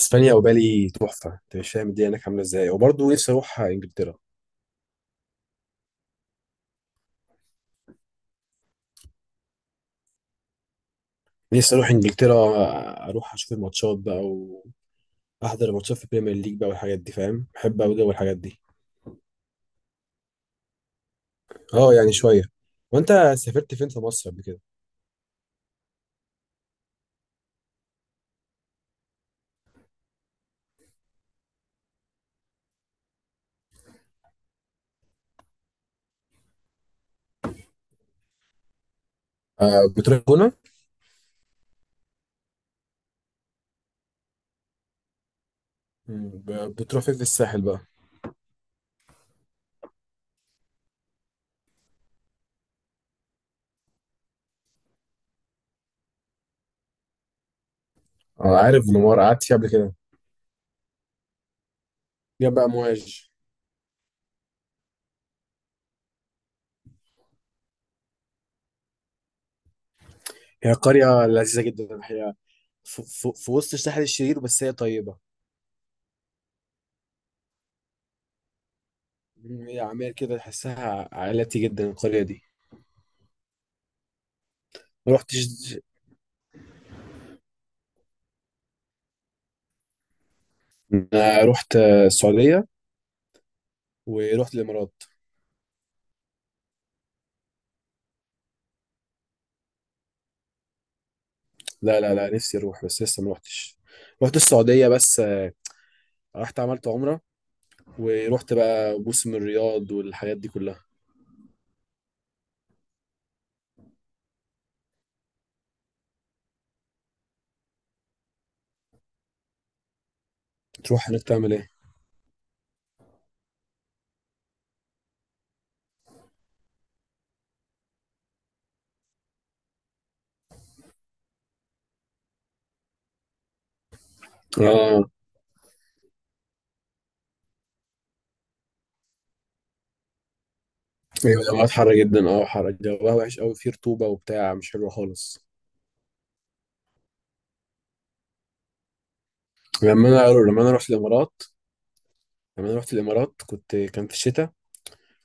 اسبانيا وبالي تحفه، انت مش فاهم الدنيا هناك عامله ازاي، وبرضه نفسي اروح انجلترا. نفسي اروح انجلترا، اروح اشوف الماتشات بقى واحضر الماتشات في البريمير ليج بقى والحاجات دي، فاهم؟ بحب قوي جو الحاجات دي. اه يعني شويه. وانت سافرت فين في مصر قبل كده؟ آه، بتروح هنا. بتروح فين في الساحل بقى؟ اه عارف منوار، قعدت فيها قبل كده. يا بقى مواج. هي قريه لذيذه جدا الحقيقه، في وسط الساحل الشرير، بس هي طيبه. هي عمال كده تحسها عائلتي جدا القريه دي. ما رحتش. انا رحت السعوديه ورحت الامارات. لا لا لا، نفسي اروح بس لسه ما رحتش. رحت السعوديه بس، رحت عملت عمره، ورحت بقى موسم الرياض والحاجات دي كلها. تروح هناك تعمل ايه؟ اه ايوه، الامارات حر جدا، اه حر جواها وحش قوي، فيه رطوبه وبتاع، مش حلو خالص. لما انا لما انا رحت الامارات لما انا رحت الامارات كنت، كان في الشتاء.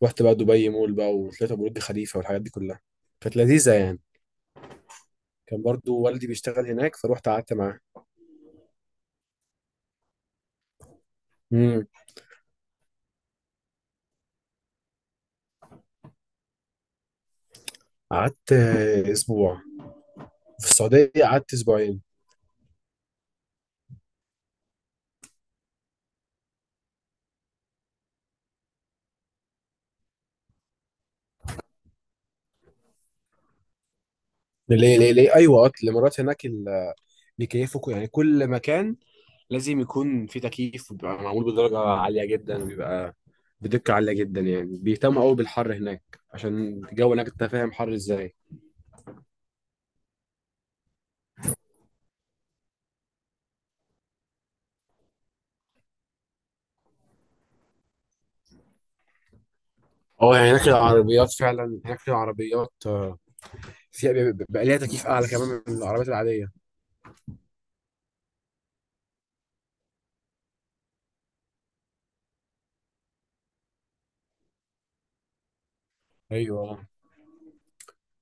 رحت بقى دبي مول بقى، وطلعت أبو برج خليفه والحاجات دي كلها. كانت لذيذه يعني. كان برضو والدي بيشتغل هناك، فروحت قعدت معاه. قعدت، اسبوع. في السعوديه قعدت اسبوعين. ليه ايوه، الامارات هناك بيكيفوا يعني كل مكان لازم يكون فيه تكييف، وبيبقى معمول بدرجه عاليه جدا، وبيبقى بدقه عاليه جدا يعني. بيهتموا قوي بالحر هناك عشان الجو هناك، انت فاهم حر ازاي. اه يعني هناك العربيات، فعلا هناك في عربيات، فيها بيبقى ليها تكييف اعلى كمان من العربيات العاديه. ايوه.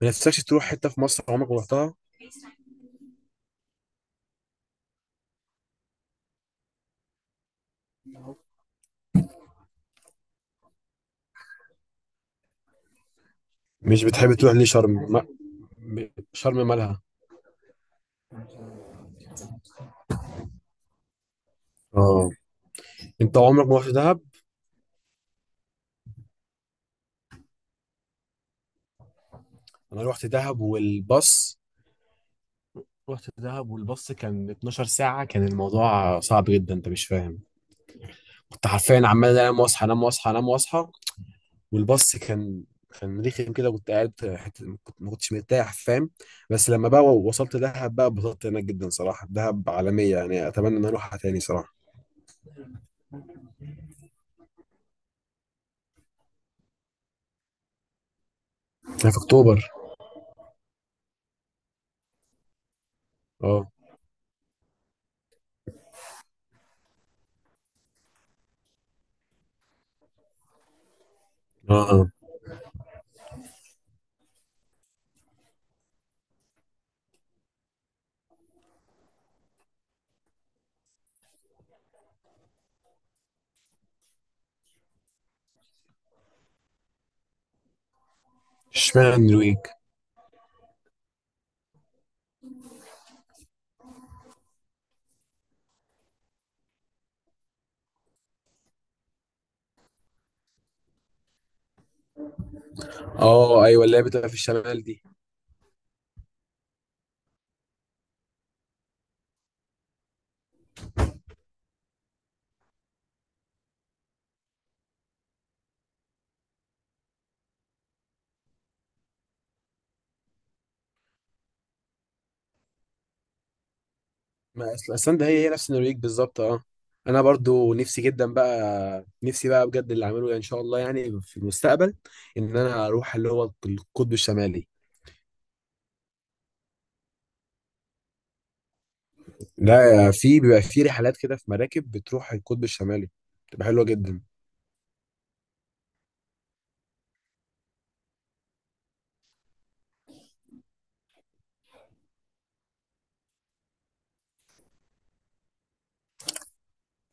ما نفسكش تروح حته في مصر عمرك ما رحتها؟ مش بتحب تروح ليه شرم ما... شرم مالها؟ اه، انت عمرك ما رحت دهب؟ انا رحت دهب، والباص، رحت دهب والباص كان 12 ساعة، كان الموضوع صعب جدا، انت مش فاهم. كنت حرفيا عمال انام واصحى، انام واصحى، انام واصحى، والباص كان، كان رخم كده، كنت قاعد حتة، كنت ما كنتش مرتاح، فاهم. بس لما بقى وصلت دهب بقى اتبسطت هناك جدا صراحة، دهب عالمية يعني، اتمنى ان أنا اروحها تاني صراحة. هي في اكتوبر. اه. اه. اه. اشمعنى النرويج؟ اه ايوه، اللي هي بتبقى في الشمال دي. ما أصل- ايسلندا هي هي نفس النرويج بالظبط، اه. انا برضو نفسي جدا بقى، نفسي بقى بجد اللي اعمله ان شاء الله يعني في المستقبل، ان انا اروح اللي هو القطب الشمالي. لا، في بيبقى في رحلات كده، في مراكب بتروح القطب الشمالي، بتبقى حلوه جدا.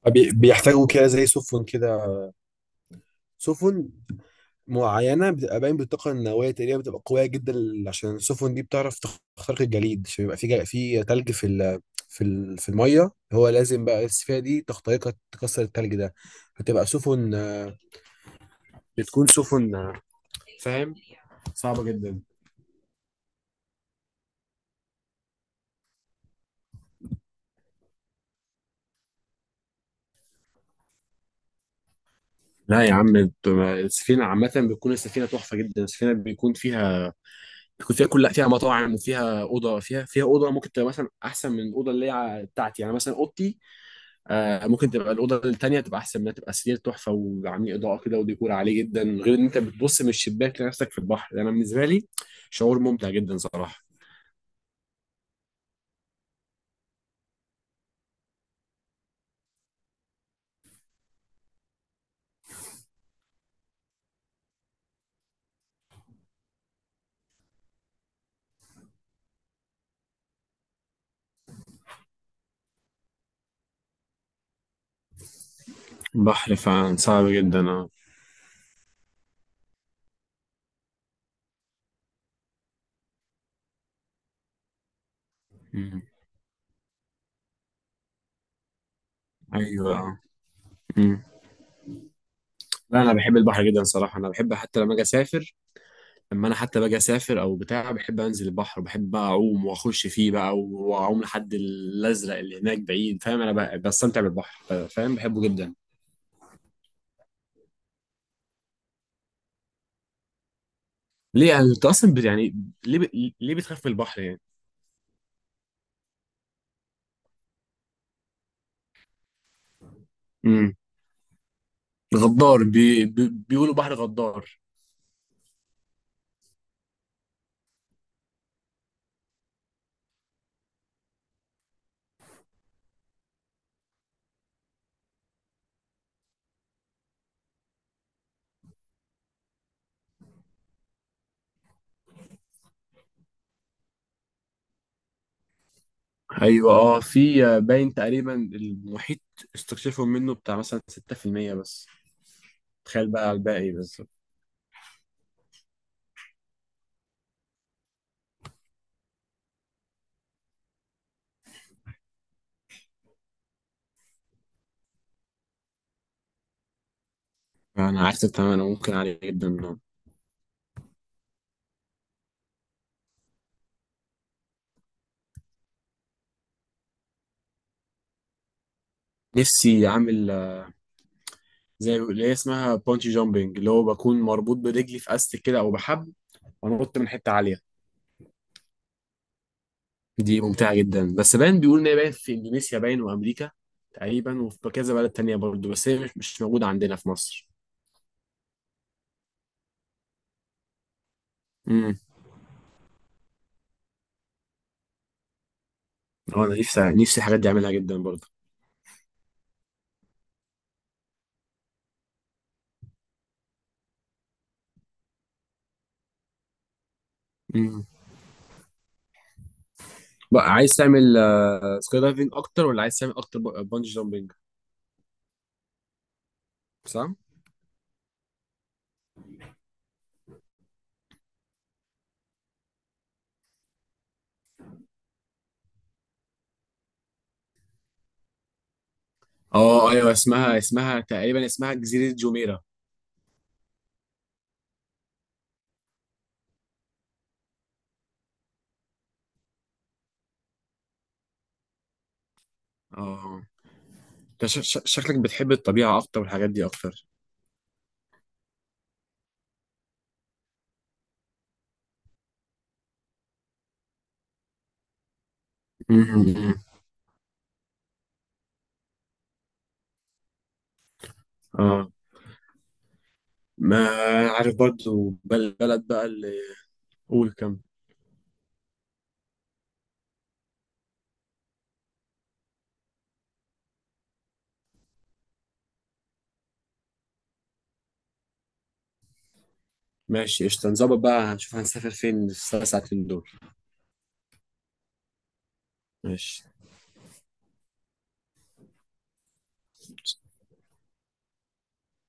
بيحتاجوا كده زي سفن كده، سفن معينه بتبقى باين بالطاقه النوويه تقريبا، بتبقى قويه جدا، عشان السفن دي بتعرف تخترق الجليد، عشان يبقى في تلج في الميه، هو لازم بقى السفينه دي تخترقها، تكسر التلج ده. هتبقى سفن، بتكون سفن، فاهم، صعبه جدا. لا يا عم، السفينه عامه بتكون السفينه تحفه جدا، السفينه بيكون فيها كل، لا فيها مطاعم وفيها اوضه، فيها اوضه ممكن تبقى مثلا احسن من الاوضه اللي هي بتاعتي يعني، مثلا اوضتي، ممكن تبقى الاوضه التانيه تبقى احسن منها، تبقى سرير تحفه، وعاملين اضاءه كده، وديكور عالي جدا، غير ان انت بتبص من الشباك لنفسك في البحر. انا يعني بالنسبه لي، شعور ممتع جدا صراحه. البحر فعلا صعب جدا، اه. مم. ايوه، اه. مم. لا انا بحب البحر جدا صراحه، انا بحب حتى لما اجي اسافر، لما انا حتى باجي اسافر او بتاع، بحب انزل البحر، بحب بقى اعوم واخش فيه بقى، واعوم لحد الازرق اللي هناك بعيد، فاهم. انا بقى بستمتع بالبحر، فاهم، بحبه جدا. ليه يعني، انت اصلا يعني، ليه ب... ليه بتخاف من البحر؟ يعني غدار، بي بيقولوا بحر غدار. ايوه اه، في باين تقريبا المحيط استكشفوا منه بتاع مثلا 6% بس، تخيل بقى على الباقي بس. انا عارف تماما انا ممكن عليه جدا منه. نفسي اعمل، زي اللي هي اسمها بونجي جامبنج، اللي هو بكون مربوط برجلي في استك كده او بحبل، وانط من حته عاليه. دي ممتعه جدا، بس باين بيقول ان هي باين في اندونيسيا، باين وامريكا تقريبا، وفي كذا بلد تانية برضه، بس هي مش موجوده عندنا في مصر. امم. انا نفسي نفسي الحاجات دي اعملها جدا برضه. بقى عايز تعمل سكاي دايفنج اكتر ولا عايز تعمل اكتر بانجي جامبنج؟ صح. اه ايوه، اسمها تقريبا اسمها جزيرة جوميرا. اه، انت ش- ش- شكلك بتحب الطبيعة اكتر والحاجات دي اكتر. امم. اه، ما عارف برضو بلد بقى اللي، قول كم. ماشي قشطة، نظبط بقى، هنشوف هنسافر فين في ال3 ساعتين دول. ماشي